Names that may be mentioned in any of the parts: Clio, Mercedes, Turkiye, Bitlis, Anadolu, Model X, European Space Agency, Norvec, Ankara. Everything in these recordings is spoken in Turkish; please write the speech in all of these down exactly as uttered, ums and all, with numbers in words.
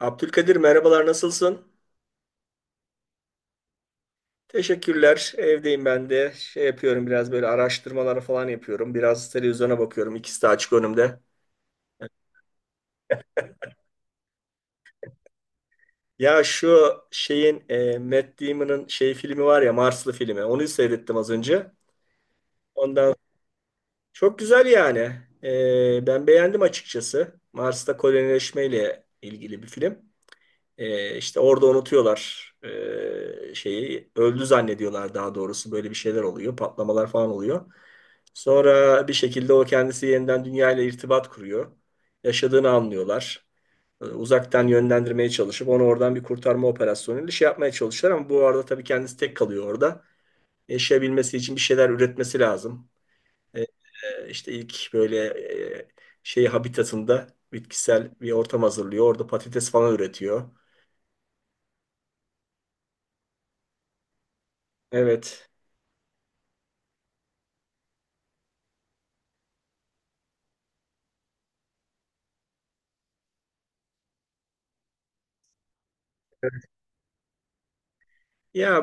Abdülkadir merhabalar nasılsın? Teşekkürler. Evdeyim ben de. Şey yapıyorum biraz böyle araştırmaları falan yapıyorum. Biraz televizyona bakıyorum. İkisi de açık önümde. Ya şu şeyin e, Matt Damon'ın şey filmi var ya Marslı filmi. Onu seyrettim az önce. Ondan çok güzel yani. E, ben beğendim açıkçası. Mars'ta kolonileşmeyle ilgili bir film. Ee, işte orada unutuyorlar ee, şeyi. Öldü zannediyorlar daha doğrusu. Böyle bir şeyler oluyor. Patlamalar falan oluyor. Sonra bir şekilde o kendisi yeniden dünyayla irtibat kuruyor. Yaşadığını anlıyorlar. Ee, Uzaktan yönlendirmeye çalışıp onu oradan bir kurtarma operasyonuyla şey yapmaya çalışıyorlar ama bu arada tabii kendisi tek kalıyor orada. Yaşayabilmesi için bir şeyler üretmesi lazım. Ee, işte ilk böyle e, şey habitatında bitkisel bir ortam hazırlıyor. Orada patates falan üretiyor. Evet. Ya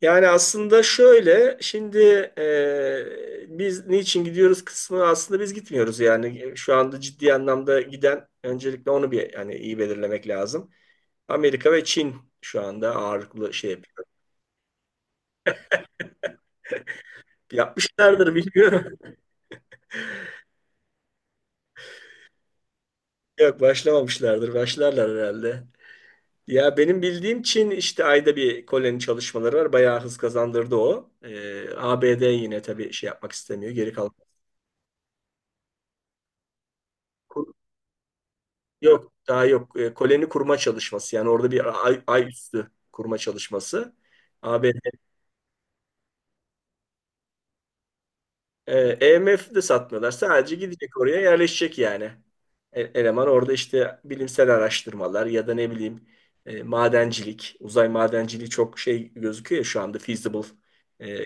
yani aslında şöyle şimdi e, biz niçin gidiyoruz kısmı aslında biz gitmiyoruz yani şu anda ciddi anlamda giden öncelikle onu bir yani iyi belirlemek lazım. Amerika ve Çin şu anda ağırlıklı şey yapıyor. Yapmışlardır bilmiyorum. Yok başlamamışlardır. Başlarlar herhalde. Ya benim bildiğim Çin işte ayda bir koloni çalışmaları var. Bayağı hız kazandırdı o. E, A B D yine tabii şey yapmak istemiyor. Geri kalmak. Yok daha yok. E, koloni kurma çalışması yani orada bir ay, ay üstü kurma çalışması. A B D. E, EMF de satmıyorlar. Sadece gidecek oraya yerleşecek yani. E- eleman orada işte bilimsel araştırmalar ya da ne bileyim e, madencilik. Uzay madenciliği çok şey gözüküyor ya şu anda feasible. E,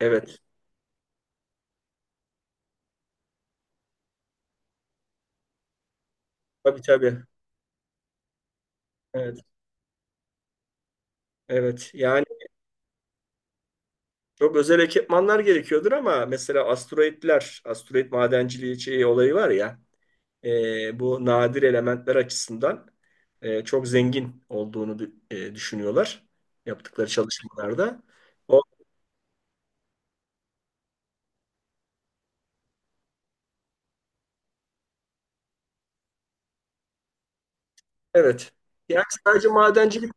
evet. Tabii tabii. Evet. Evet. Yani çok özel ekipmanlar gerekiyordur ama mesela asteroidler, asteroid madenciliği şey olayı var ya. E, bu nadir elementler açısından e, çok zengin olduğunu dü- e, düşünüyorlar yaptıkları çalışmalarda. O, evet. Yani sadece madencilik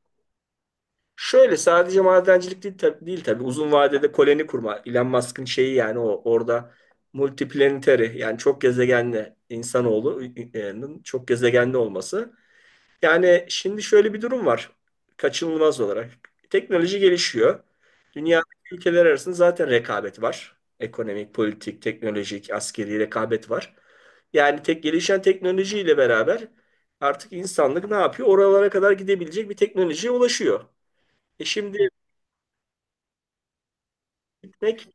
şöyle sadece madencilik değil, tab- değil tabii uzun vadede koloni kurma. Elon Musk'ın şeyi yani o orada multiplanetary yani çok gezegenli insanoğlu e, e, çok gezegenli olması. Yani şimdi şöyle bir durum var kaçınılmaz olarak. Teknoloji gelişiyor. Dünyadaki ülkeler arasında zaten rekabet var. Ekonomik, politik, teknolojik, askeri rekabet var. Yani tek gelişen teknolojiyle beraber artık insanlık ne yapıyor? Oralara kadar gidebilecek bir teknolojiye ulaşıyor. E şimdi gitmek,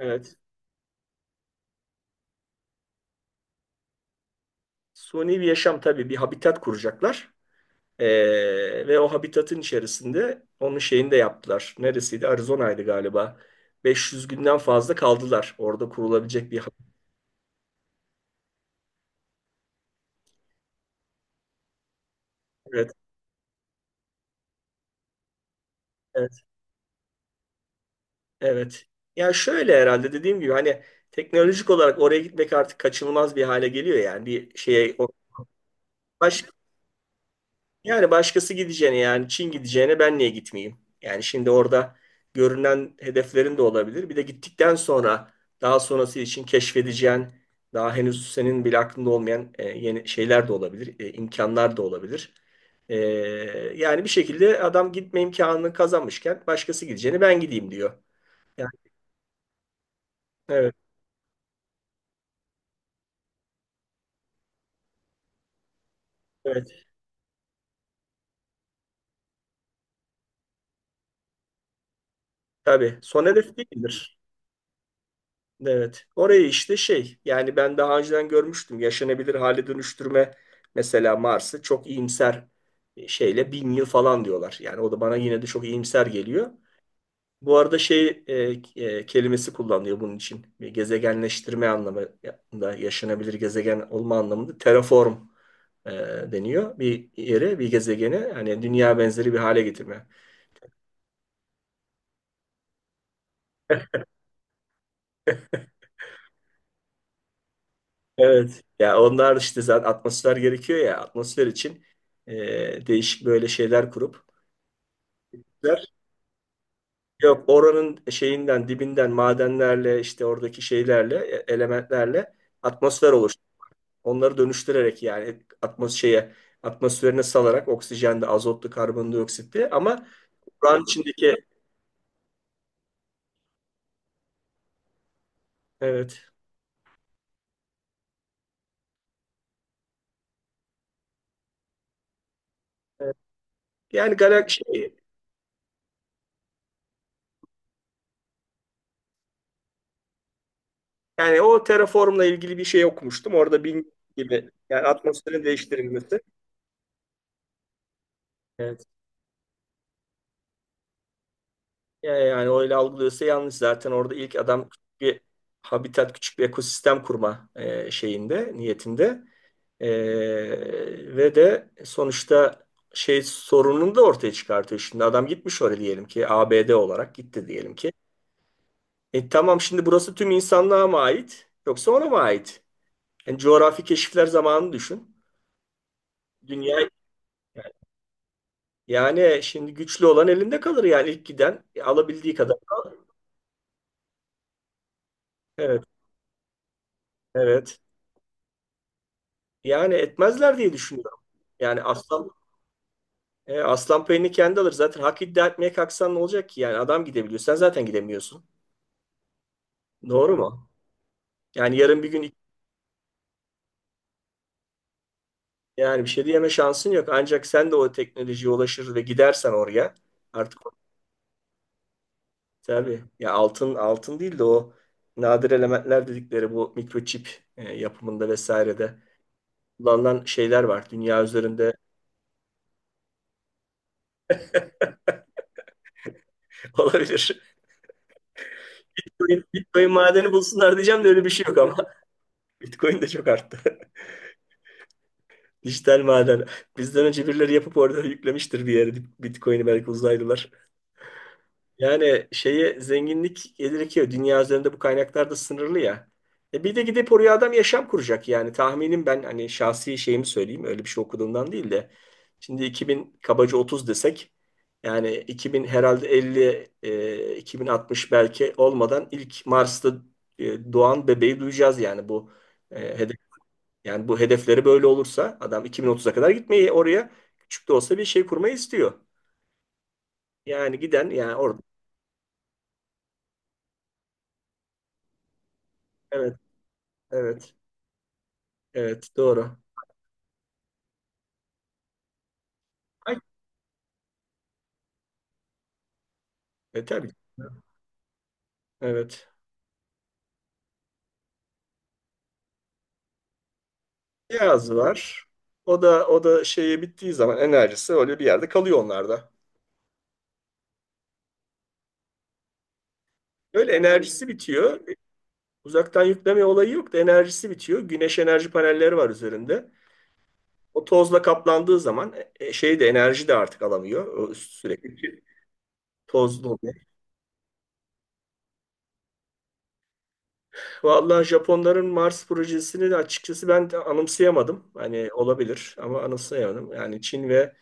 evet, suni bir yaşam tabii bir habitat kuracaklar. Ee, ve o habitatın içerisinde onun şeyini de yaptılar. Neresiydi? Arizona'ydı galiba. 500 günden fazla kaldılar. Orada kurulabilecek bir habitat. Evet, evet, evet. Yani şöyle herhalde dediğim gibi hani teknolojik olarak oraya gitmek artık kaçınılmaz bir hale geliyor yani bir şeye o- baş yani başkası gideceğine yani Çin gideceğine ben niye gitmeyeyim? Yani şimdi orada görünen hedeflerin de olabilir. Bir de gittikten sonra daha sonrası için keşfedeceğin daha henüz senin bile aklında olmayan e, yeni şeyler de olabilir, e, imkanlar da olabilir. E, Yani bir şekilde adam gitme imkanını kazanmışken başkası gideceğine ben gideyim diyor. Yani evet, evet. Tabii son hedef değildir. Evet. Orayı işte şey yani ben daha önceden görmüştüm. Yaşanabilir hale dönüştürme mesela Mars'ı çok iyimser e, şeyle bin yıl falan diyorlar. Yani o da bana yine de çok iyimser geliyor. Bu arada şey e, e, kelimesi kullanılıyor bunun için. E, Gezegenleştirme anlamında yaşanabilir gezegen olma anlamında terraform e, deniyor. Bir yere bir gezegeni hani dünya benzeri bir hale getirme. Evet. Ya onlar işte zaten atmosfer gerekiyor ya atmosfer için e, değişik böyle şeyler kurup. Yok oranın şeyinden dibinden madenlerle işte oradaki şeylerle e, elementlerle atmosfer oluştu. Onları dönüştürerek yani atmos şeye atmosferine salarak oksijen de azotlu karbondioksit de ama buranın içindeki evet. Evet. Yani galaksi yani o terraformla ilgili bir şey okumuştum. Orada bin gibi yani atmosferin değiştirilmesi. Evet. Ya yani öyle algılıyorsa yanlış. Zaten orada ilk adam küçük bir habitat, küçük bir ekosistem kurma e, şeyinde, niyetinde. E, ve de sonuçta şey sorununu da ortaya çıkartıyor. Şimdi adam gitmiş oraya diyelim ki A B D olarak gitti diyelim ki. E tamam şimdi burası tüm insanlığa mı ait yoksa ona mı ait? Yani coğrafi keşifler zamanını düşün. Dünya yani şimdi güçlü olan elinde kalır yani ilk giden alabildiği kadar. Evet, evet. Yani etmezler diye düşünüyorum. Yani aslan e, aslan payını kendi alır. Zaten hak iddia etmeye kalksan ne olacak ki? Yani adam gidebiliyor. Sen zaten gidemiyorsun. Doğru mu? Yani yarın bir gün yani bir şey diyeme şansın yok. Ancak sen de o teknolojiye ulaşır ve gidersen oraya artık tabii ya altın altın değil de o nadir elementler dedikleri bu mikroçip e, yapımında vesairede kullanılan şeyler var. Dünya üzerinde olabilir. Bitcoin, Bitcoin madeni bulsunlar diyeceğim de öyle bir şey yok ama Bitcoin de çok arttı. Dijital maden. Bizden önce birileri yapıp orada yüklemiştir bir yere Bitcoin'i belki uzaylılar. Yani şeye zenginlik gelir dünya üzerinde bu kaynaklar da sınırlı ya. E bir de gidip oraya adam yaşam kuracak yani tahminim ben hani şahsi şeyimi söyleyeyim öyle bir şey okuduğumdan değil de. Şimdi iki bin kabaca otuz desek yani iki bin herhalde elli e, iki bin altmış belki olmadan ilk Mars'ta e, doğan bebeği duyacağız yani bu e, yani bu hedefleri böyle olursa adam iki bin otuza kadar gitmeyi oraya küçük de olsa bir şey kurmayı istiyor. Yani giden yani orada evet evet evet doğru. Ay, e, tabii evet. Yaz var. O da o da şeye bittiği zaman enerjisi öyle bir yerde kalıyor onlarda. Öyle enerjisi bitiyor. E, Uzaktan yükleme olayı yok da enerjisi bitiyor. Güneş enerji panelleri var üzerinde. O tozla kaplandığı zaman e, e, şey de enerji de artık alamıyor. O sürekli tozlu. Vallahi Japonların Mars projesini de açıkçası ben de anımsayamadım. Hani olabilir ama anımsayamadım. Yani Çin ve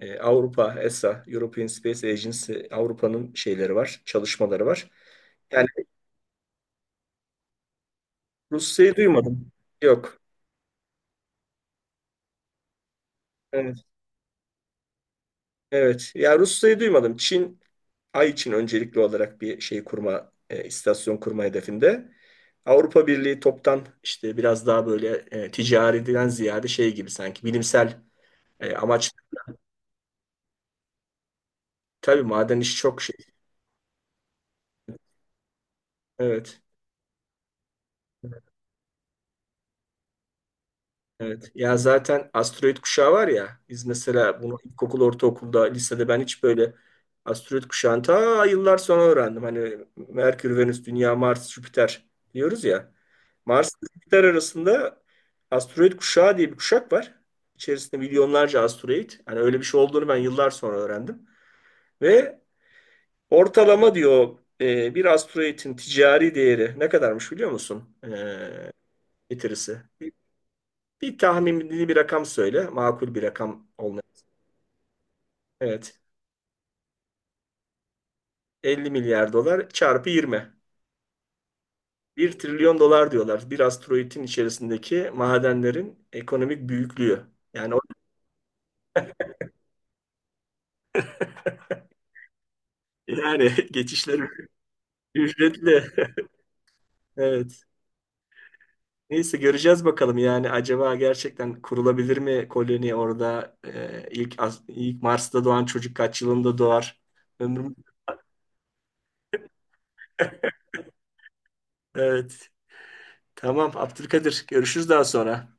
e, Avrupa, E S A, European Space Agency, Avrupa'nın şeyleri var, çalışmaları var. Yani Rusya'yı duymadım. Yok. Evet. Evet. Ya Rusya'yı duymadım. Çin, Ay için öncelikli olarak bir şey kurma, e, istasyon kurma hedefinde. Avrupa Birliği toptan işte biraz daha böyle e, ticariden ziyade şey gibi sanki bilimsel e, amaç. Tabii maden işi çok. Evet, evet. Ya zaten asteroid kuşağı var ya, biz mesela bunu ilkokul, ortaokulda, lisede ben hiç böyle asteroid kuşağını ta yıllar sonra öğrendim. Hani Merkür, Venüs, Dünya, Mars, Jüpiter diyoruz ya. Mars ile Jüpiter arasında asteroid kuşağı diye bir kuşak var. İçerisinde milyonlarca asteroid. Hani öyle bir şey olduğunu ben yıllar sonra öğrendim. Ve ortalama diyor e, bir asteroidin ticari değeri ne kadarmış biliyor musun? E, getirisi. Bir tahminli bir rakam söyle. Makul bir rakam olmalı. Evet. elli milyar dolar çarpı yirmi Bir trilyon dolar diyorlar. Bir asteroidin içerisindeki madenlerin ekonomik büyüklüğü. Yani o, yani geçişleri ücretli. Evet. Neyse göreceğiz bakalım yani acaba gerçekten kurulabilir mi koloni orada. Ee, ilk as- ilk Mars'ta doğan çocuk kaç yılında doğar? Ömrüm. Evet. Tamam, Abdülkadir, görüşürüz daha sonra.